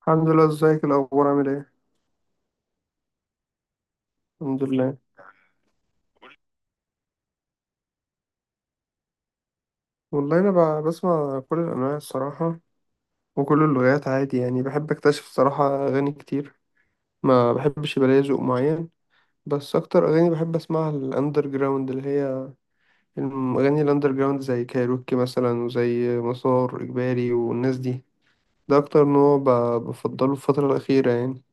الحمد لله. ازيك الاخبار عامل ايه؟ الحمد لله. والله انا بسمع كل الانواع الصراحه، وكل اللغات عادي يعني، بحب اكتشف الصراحه اغاني كتير. ما بحبش يبقى ليا ذوق معين. بس اكتر اغاني بحب اسمعها الاندر جراوند، اللي هي الاغاني الاندر جراوند زي كايروكي مثلا وزي مسار اجباري والناس دي. ده اكتر نوع بفضله في الفتره الاخيره يعني.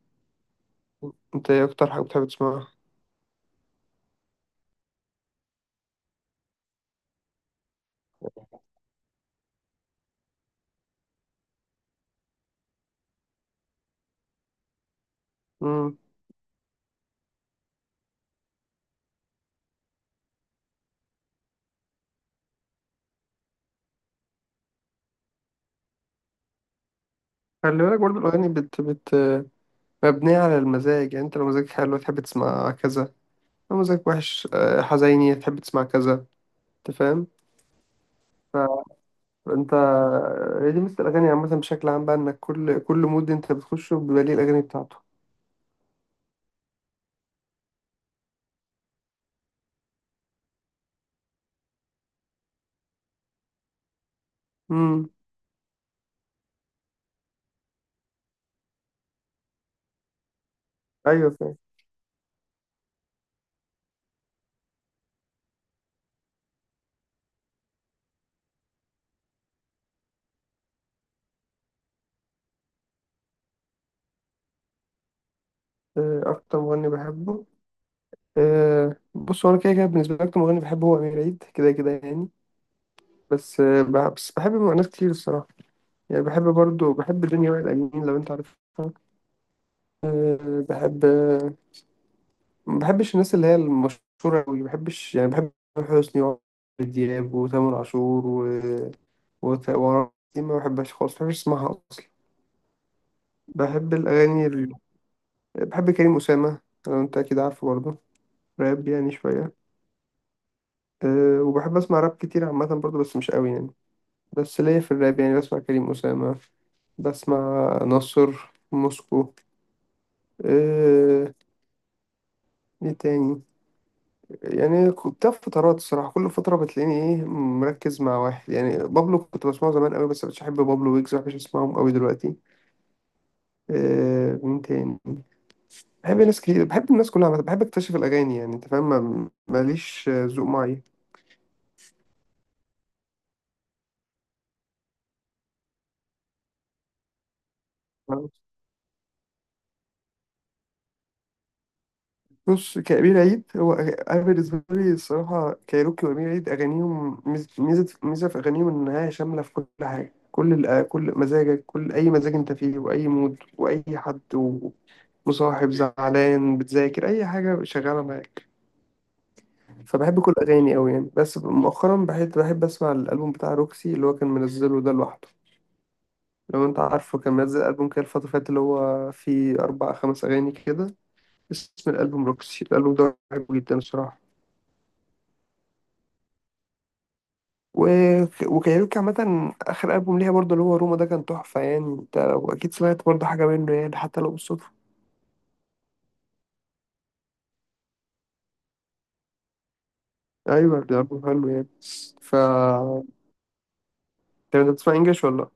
انت ايه اكتر حاجه بتحب تسمعها؟ امم. خلي بالك برضه الاغاني بت بت مبنيه على المزاج، يعني انت لو مزاجك حلو تحب تسمع كذا، مزاجك وحش حزيني تحب تسمع كذا. انت فاهم؟ فانت هي دي مثل الاغاني عامه بشكل عام بقى، انك كل مود انت بتخشه بيبقى ليه الاغاني بتاعته. امم. ايوه فاهم. اكتر مغني بحبه، بص هو انا كده كده بالنسبه لي اكتر مغني بحبه هو امير عيد كده كده يعني. بس بحب ناس كتير الصراحه، يعني بحب برضو بحب دنيا وائل امين، لو انت عارفها. أه. بحب. ما بحبش الناس اللي هي المشهورة أوي، ما بحبش يعني، بحب تامر حسني وعمرو دياب وتامر عاشور و وعمرو دياب، ما بحبهاش خالص، ما بحبش اسمعها أصلا. بحب الأغاني ال... بحب كريم أسامة، لو أنت أكيد عارفه برضه. راب يعني شوية. وبحب أسمع راب كتير عامة برضه، بس مش أوي يعني. بس ليا في الراب يعني، بسمع كريم أسامة. بسمع نصر موسكو. أه. إيه تاني؟ يعني كنت في فترات الصراحة كل فترة بتلاقيني ايه مركز مع واحد يعني، بابلو كنت بسمعه زمان قوي، بس مش بحب بابلو ويجز مش بسمعهم قوي دلوقتي. مين تاني؟ بحب ناس كتير، بحب الناس كلها عامة، بحب اكتشف الأغاني يعني، انت فاهم، ماليش ذوق معين. بص، كأمير عيد هو، أنا بالنسبة لي الصراحة كايروكي وأمير عيد أغانيهم ميزة في أغانيهم، إنها شاملة في كل حاجة، كل كل مزاجك، أي مزاج أنت فيه وأي مود وأي حد مصاحب، زعلان، بتذاكر، اي حاجه شغاله معاك. فبحب كل اغاني قوي يعني. بس مؤخرا بحب اسمع الالبوم بتاع روكسي، اللي هو كان منزله ده لوحده، لو انت عارفه كان منزل البوم كده الفتره اللي فاتت، اللي هو فيه اربع خمس اغاني كده. اسم الالبوم روكسي، الالبوم ده بحبه جدا الصراحه. و... وكايروكي عامة آخر ألبوم ليها برضه اللي هو روما، ده كان تحفة يعني، أنت لو أكيد سمعت برضه حاجة منه يعني حتى لو بالصدفة. أيوة ده ألبوم حلو يعني. ف طب أنت بتسمع إنجلش ولا؟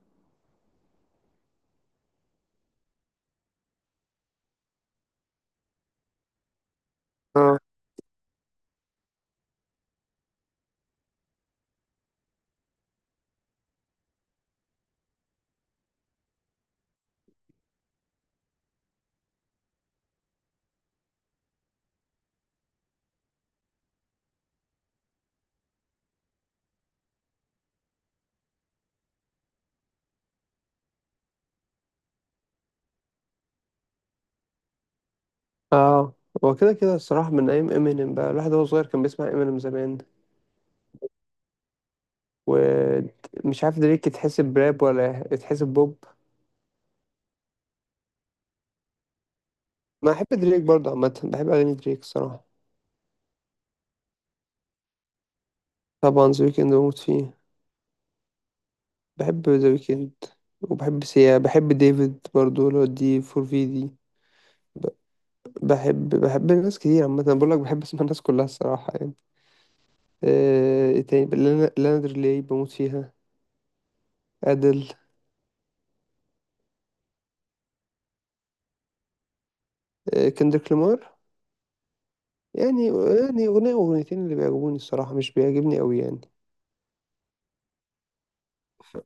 آه. اه. هو كده كده الصراحة من أيام امينيم بقى، الواحد وهو صغير كان بيسمع امينيم زمان، ومش عارف دريك يتحسب راب ولا يتحسب بوب. أنا بحب دريك برضه عامة، بحب أغاني دريك الصراحة. طبعا ذا ويكند بموت فيه. بحب ذا ويكند، وبحب سيا، بحب ديفيد برضه اللي هو دي فور في دي. بحب ناس كتير عامة، أنا بقول لك بحب اسمع الناس كلها الصراحة يعني. إيه تاني؟ لانا دري بموت فيها. أدل كندريك لامار. يعني، يعني أغنية وأغنيتين اللي بيعجبوني الصراحة، مش بيعجبني أوي يعني. ف-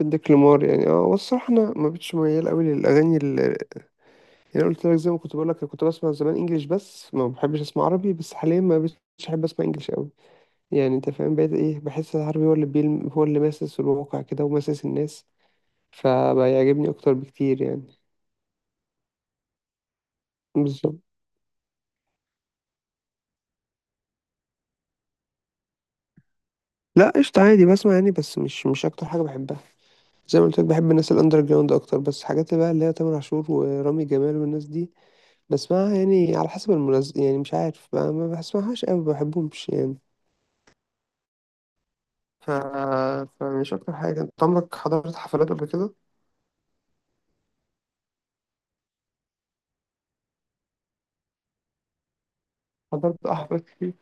بدك لمار يعني، والصراحة أنا ما بقتش ميال أوي للأغاني اللي يعني. أنا قلت لك زي ما كنت بقول لك كنت بسمع زمان إنجليش بس ما بحبش أسمع عربي، بس حاليا ما بقتش أحب أسمع إنجليش أوي، يعني أنت فاهم بقيت إيه، بحس العربي هو اللي بيلم، هو اللي ماسس الواقع كده وماسس الناس، فبيعجبني أكتر بكتير يعني. بالظبط. لا قشطة عادي بسمع يعني، بس مش أكتر حاجة بحبها. زي ما قلت لك بحب الناس الأندر جراوند أكتر، بس حاجات بقى اللي هي تامر عاشور ورامي جمال والناس دي بسمعها يعني على حسب المناسبة يعني، مش عارف، ما بسمعهاش أوي، ما بحبهمش يعني. ف... فمش أكتر حاجة. أنت عمرك حضرت حفلات قبل كده؟ حضرت حفلات كتير،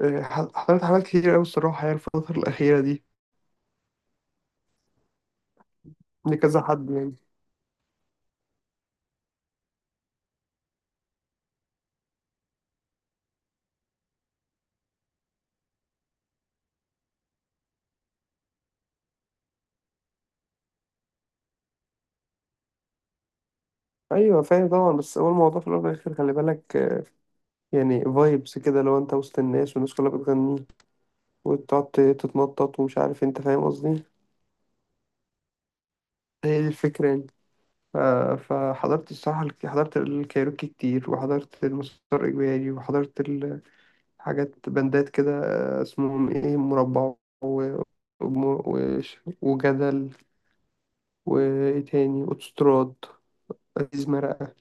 حضرت حفلات كتير أوي الصراحة يعني الفترة الأخيرة دي، لكذا حد يعني. أيوة فاهم طبعا، بس هو الموضوع في الأول والآخر خلي بالك، يعني فايبس كده، لو أنت وسط الناس والناس كلها بتغني وتقعد تتنطط ومش عارف، أنت فاهم قصدي؟ هي دي الفكرة يعني. ف- فحضرت الصراحة، حضرت الكايروكي كتير، وحضرت المسار إجباري، وحضرت حاجات بندات كده، اسمهم ايه، مربع، وجدل، وايه تاني، وتستراد، ازيز مرقة،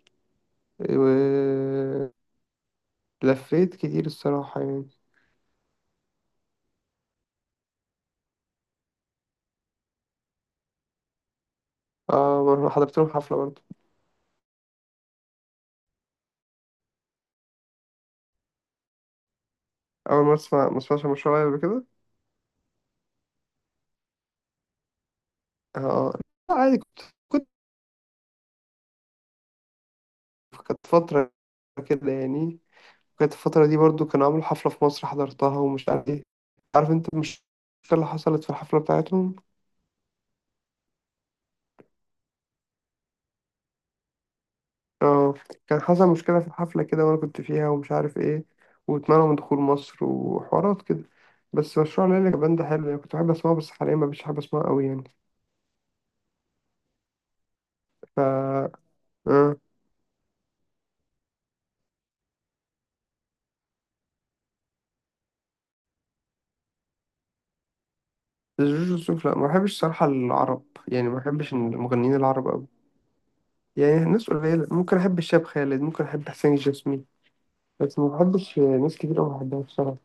و- لفيت كتير الصراحة يعني. اه، مرة حضرت لهم حفلة برضه. أول مرة أسمع، ما أسمعش مشروع يعني قبل كده. اه. لا، عادي، كنت كنت كانت فترة كده يعني، كانت الفترة دي برضه كانوا عملوا حفلة في مصر حضرتها، ومش عارف ايه، عارف انت مش اللي حصلت في الحفلة بتاعتهم. اه، كان حصل مشكلة في الحفلة كده وأنا كنت فيها ومش عارف ايه، واتمنعوا من دخول مصر وحوارات كده. بس مشروع ليلى كان ده حلو يعني، كنت بحب أسمعه، بس حاليا مبقتش بحب أسمعه أوي يعني. ف اه، جورج وسوف لأ، ما بحبش صراحة العرب يعني، ما بحبش المغنيين العرب أوي، يعني ناس قليلة ممكن أحب، الشاب خالد ممكن أحب حسين الجسمي، بس ما بحبش ناس كتير أوي بحبها بصراحة.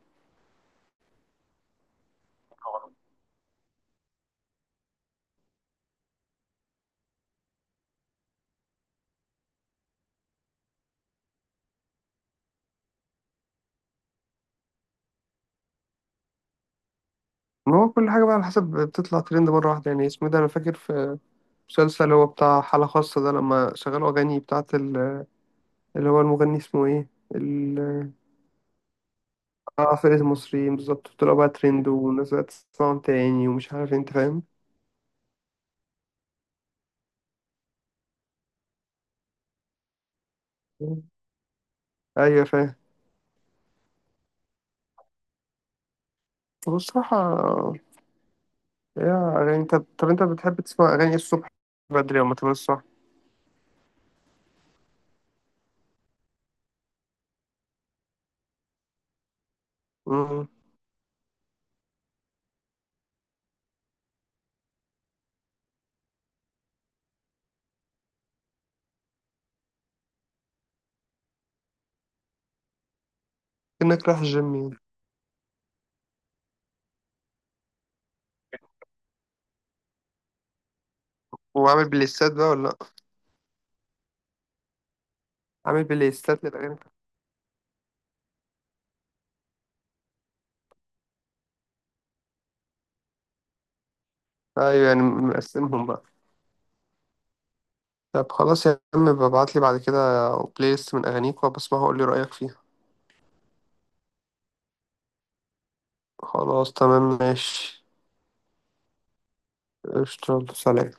ما هو كل حاجة بقى على حسب بتطلع ترند مرة واحدة يعني، اسمه ده أنا فاكر في مسلسل اللي هو بتاع حالة خاصة ده، لما شغلوا أغاني بتاعة اللي هو المغني اسمه ايه، ال- اه فرقة المصريين بالظبط، طلعوا بقى ترند والناس بقت تسمعهم تاني، ومش عارف انت فاهم. ايوه فاهم. هو الصراحة، يا اغاني، طب انت بتحب تسمع اغاني الصبح بدري ولا تمام الصبح؟ امم. انك رايح الجيم يعني، وعامل بلايستات بقى ولا لأ؟ عامل بلايستات للاغاني. ايوه يعني مقسمهم بقى. طب خلاص يا عم، ببعت لي بعد كده بلاي ليست من اغانيك، وبسمعها وقول لي رايك فيها. خلاص تمام ماشي. قشطة سلام.